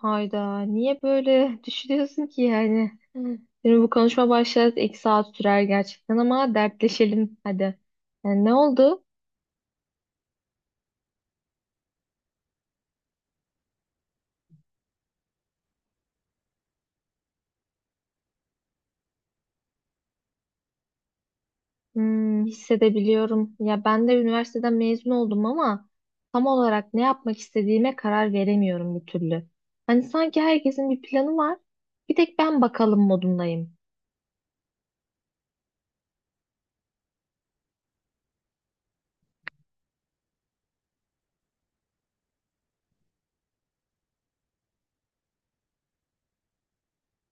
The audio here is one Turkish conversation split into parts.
Hayda, niye böyle düşünüyorsun ki yani? Şimdi bu konuşma başlar 2 saat sürer gerçekten ama dertleşelim hadi. Yani ne oldu? Hmm, hissedebiliyorum. Ya ben de üniversiteden mezun oldum ama tam olarak ne yapmak istediğime karar veremiyorum bir türlü. Hani sanki herkesin bir planı var. Bir tek ben bakalım modundayım.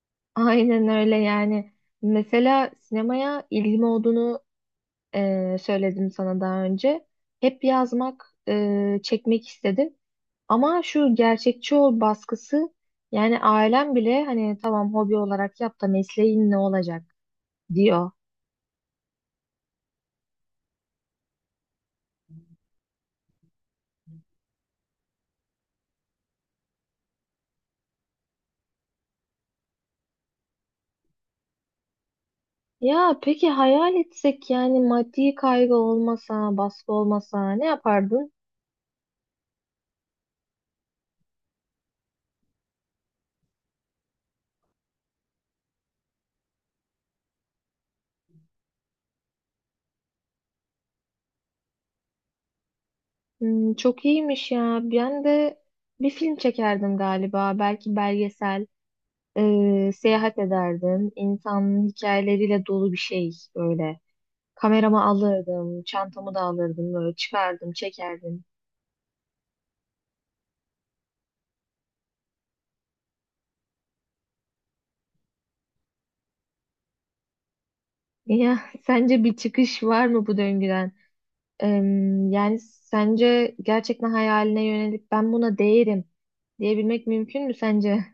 Aynen öyle yani. Mesela sinemaya ilgim olduğunu söyledim sana daha önce. Hep yazmak, çekmek istedim. Ama şu gerçekçi ol baskısı yani ailem bile hani tamam hobi olarak yap da mesleğin ne olacak diyor. Ya peki hayal etsek yani maddi kaygı olmasa, baskı olmasa ne yapardın? Hmm, çok iyiymiş ya. Ben de bir film çekerdim galiba. Belki belgesel, seyahat ederdim. İnsanın hikayeleriyle dolu bir şey böyle. Kameramı alırdım, çantamı da alırdım, böyle çıkardım, çekerdim. Ya sence bir çıkış var mı bu döngüden? Yani sence gerçekten hayaline yönelip ben buna değerim diyebilmek mümkün mü sence?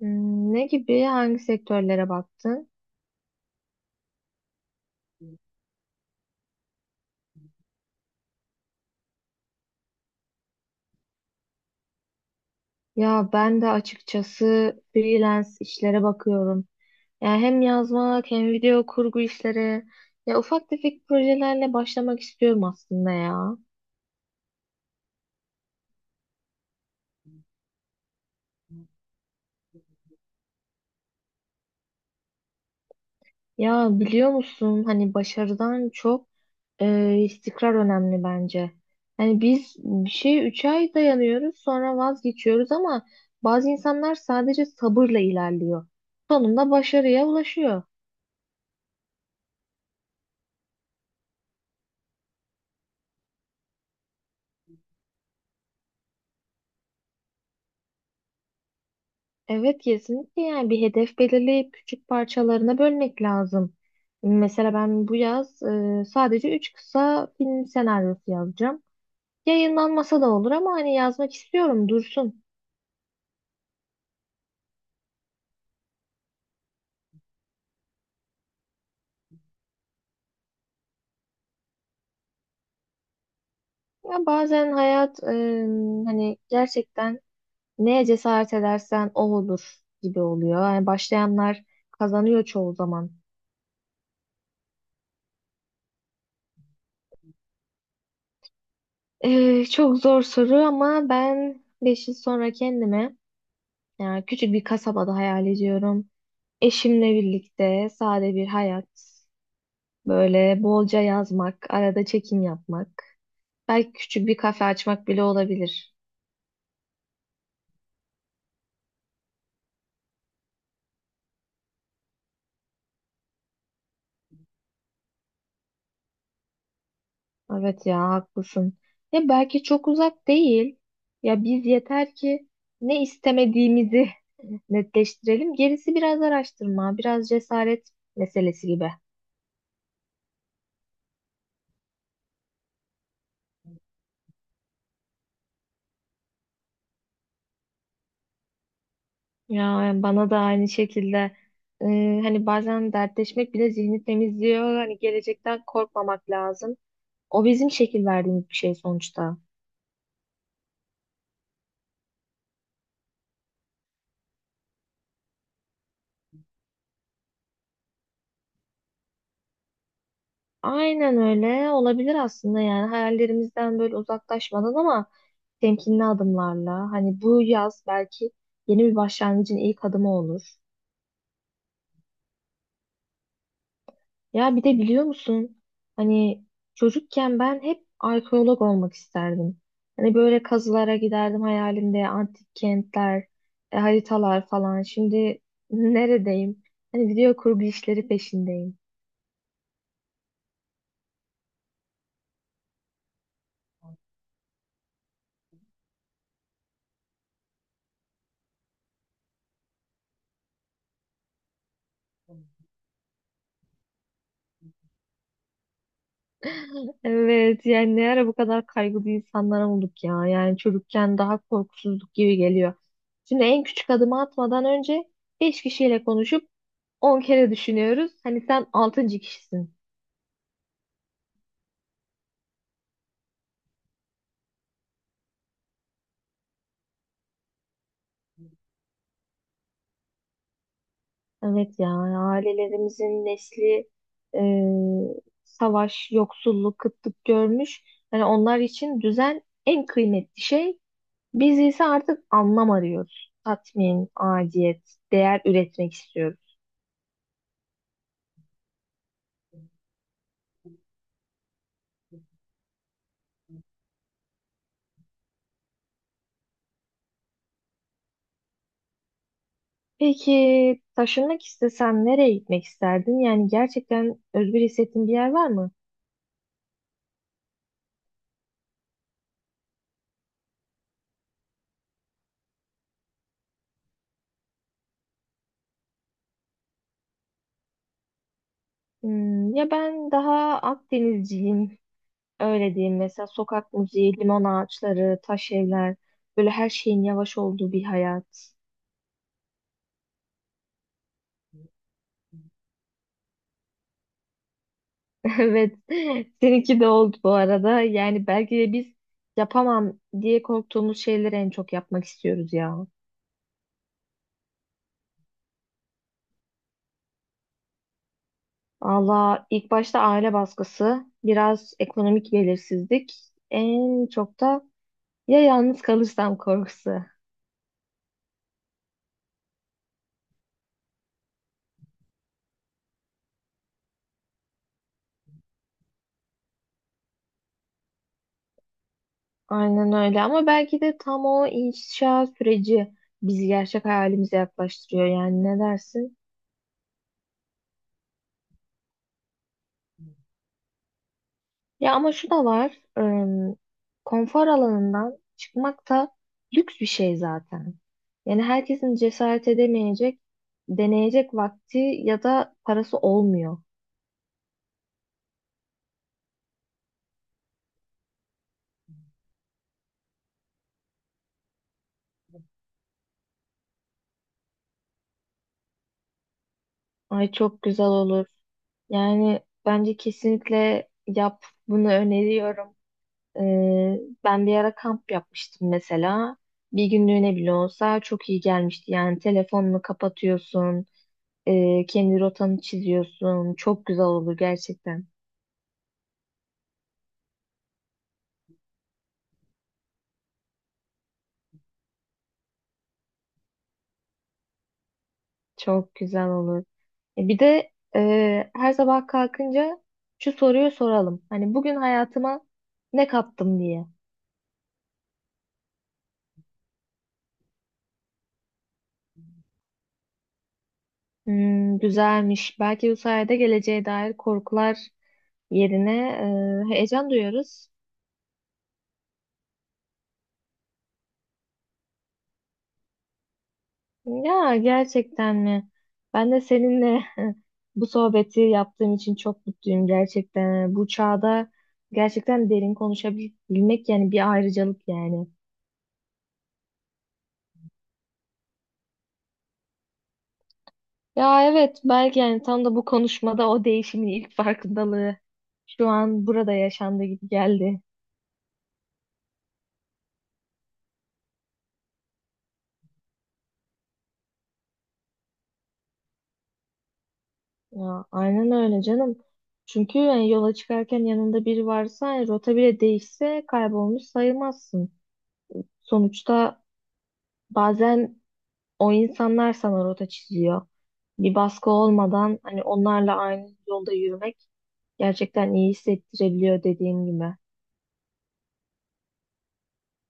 Hmm, ne gibi, hangi sektörlere baktın? Ya ben de açıkçası freelance işlere bakıyorum. Yani hem yazmak hem video kurgu işleri. Ya ufak tefek projelerle başlamak istiyorum aslında ya. Ya biliyor musun hani başarıdan çok istikrar önemli bence. Hani biz bir şeye 3 ay dayanıyoruz sonra vazgeçiyoruz ama bazı insanlar sadece sabırla ilerliyor. Sonunda başarıya ulaşıyor. Evet, kesinlikle yani bir hedef belirleyip küçük parçalarına bölmek lazım. Mesela ben bu yaz sadece 3 kısa film senaryosu yazacağım. Yayınlanmasa da olur ama hani yazmak istiyorum dursun. Ya bazen hayat hani gerçekten neye cesaret edersen o olur gibi oluyor. Yani başlayanlar kazanıyor çoğu zaman. Eh, çok zor soru ama ben 5 yıl sonra kendime yani küçük bir kasabada hayal ediyorum. Eşimle birlikte sade bir hayat, böyle bolca yazmak, arada çekim yapmak, belki küçük bir kafe açmak bile olabilir. Evet ya, haklısın. Ya belki çok uzak değil. Ya biz yeter ki ne istemediğimizi netleştirelim. Gerisi biraz araştırma, biraz cesaret meselesi gibi. Ya bana da aynı şekilde e, hani bazen dertleşmek bile zihni temizliyor. Hani gelecekten korkmamak lazım. O bizim şekil verdiğimiz bir şey sonuçta. Aynen öyle olabilir aslında, yani hayallerimizden böyle uzaklaşmadan ama temkinli adımlarla. Hani bu yaz belki yeni bir başlangıcın ilk adımı olur. Ya bir de biliyor musun? Hani çocukken ben hep arkeolog olmak isterdim. Hani böyle kazılara giderdim hayalimde, antik kentler, haritalar falan. Şimdi neredeyim? Hani video kurgu işleri peşindeyim. Evet yani, ne ara bu kadar kaygılı insanlara olduk ya. Yani çocukken daha korkusuzluk gibi geliyor. Şimdi en küçük adımı atmadan önce beş kişiyle konuşup on kere düşünüyoruz. Hani sen altıncı kişisin. Evet ya, ailelerimizin nesli e, savaş, yoksulluk, kıtlık görmüş. Yani onlar için düzen en kıymetli şey. Biz ise artık anlam arıyoruz. Tatmin, aciyet, değer üretmek istiyoruz. Peki taşınmak istesen nereye gitmek isterdin? Yani gerçekten özgür hissettiğin bir yer var mı? Hmm, ya ben daha Akdenizciyim. Öyle diyeyim, mesela sokak müziği, limon ağaçları, taş evler, böyle her şeyin yavaş olduğu bir hayat. Evet, seninki de oldu bu arada. Yani belki de biz yapamam diye korktuğumuz şeyleri en çok yapmak istiyoruz ya. Valla ilk başta aile baskısı, biraz ekonomik belirsizlik, en çok da ya yalnız kalırsam korkusu. Aynen öyle, ama belki de tam o inşa süreci bizi gerçek hayalimize yaklaştırıyor, yani ne dersin? Ya ama şu da var. Konfor alanından çıkmak da lüks bir şey zaten. Yani herkesin cesaret edemeyecek, deneyecek vakti ya da parası olmuyor. Ay, çok güzel olur. Yani bence kesinlikle yap. Bunu öneriyorum. Ee, ben bir ara kamp yapmıştım mesela. Bir günlüğüne bile olsa çok iyi gelmişti. Yani telefonunu kapatıyorsun, kendi rotanı çiziyorsun. Çok güzel olur gerçekten. Çok güzel olur. Bir de her sabah kalkınca şu soruyu soralım. Hani bugün hayatıma ne kattım diye. Hmm, güzelmiş. Belki bu sayede geleceğe dair korkular yerine heyecan duyuyoruz. Ya, gerçekten mi? Ben de seninle bu sohbeti yaptığım için çok mutluyum gerçekten. Bu çağda gerçekten derin konuşabilmek yani bir ayrıcalık yani. Ya evet, belki yani tam da bu konuşmada o değişimin ilk farkındalığı şu an burada yaşandı gibi geldi. Ya aynen öyle canım. Çünkü yani yola çıkarken yanında biri varsa yani rota bile değişse kaybolmuş sayılmazsın. Sonuçta bazen o insanlar sana rota çiziyor. Bir baskı olmadan hani onlarla aynı yolda yürümek gerçekten iyi hissettirebiliyor, dediğim gibi.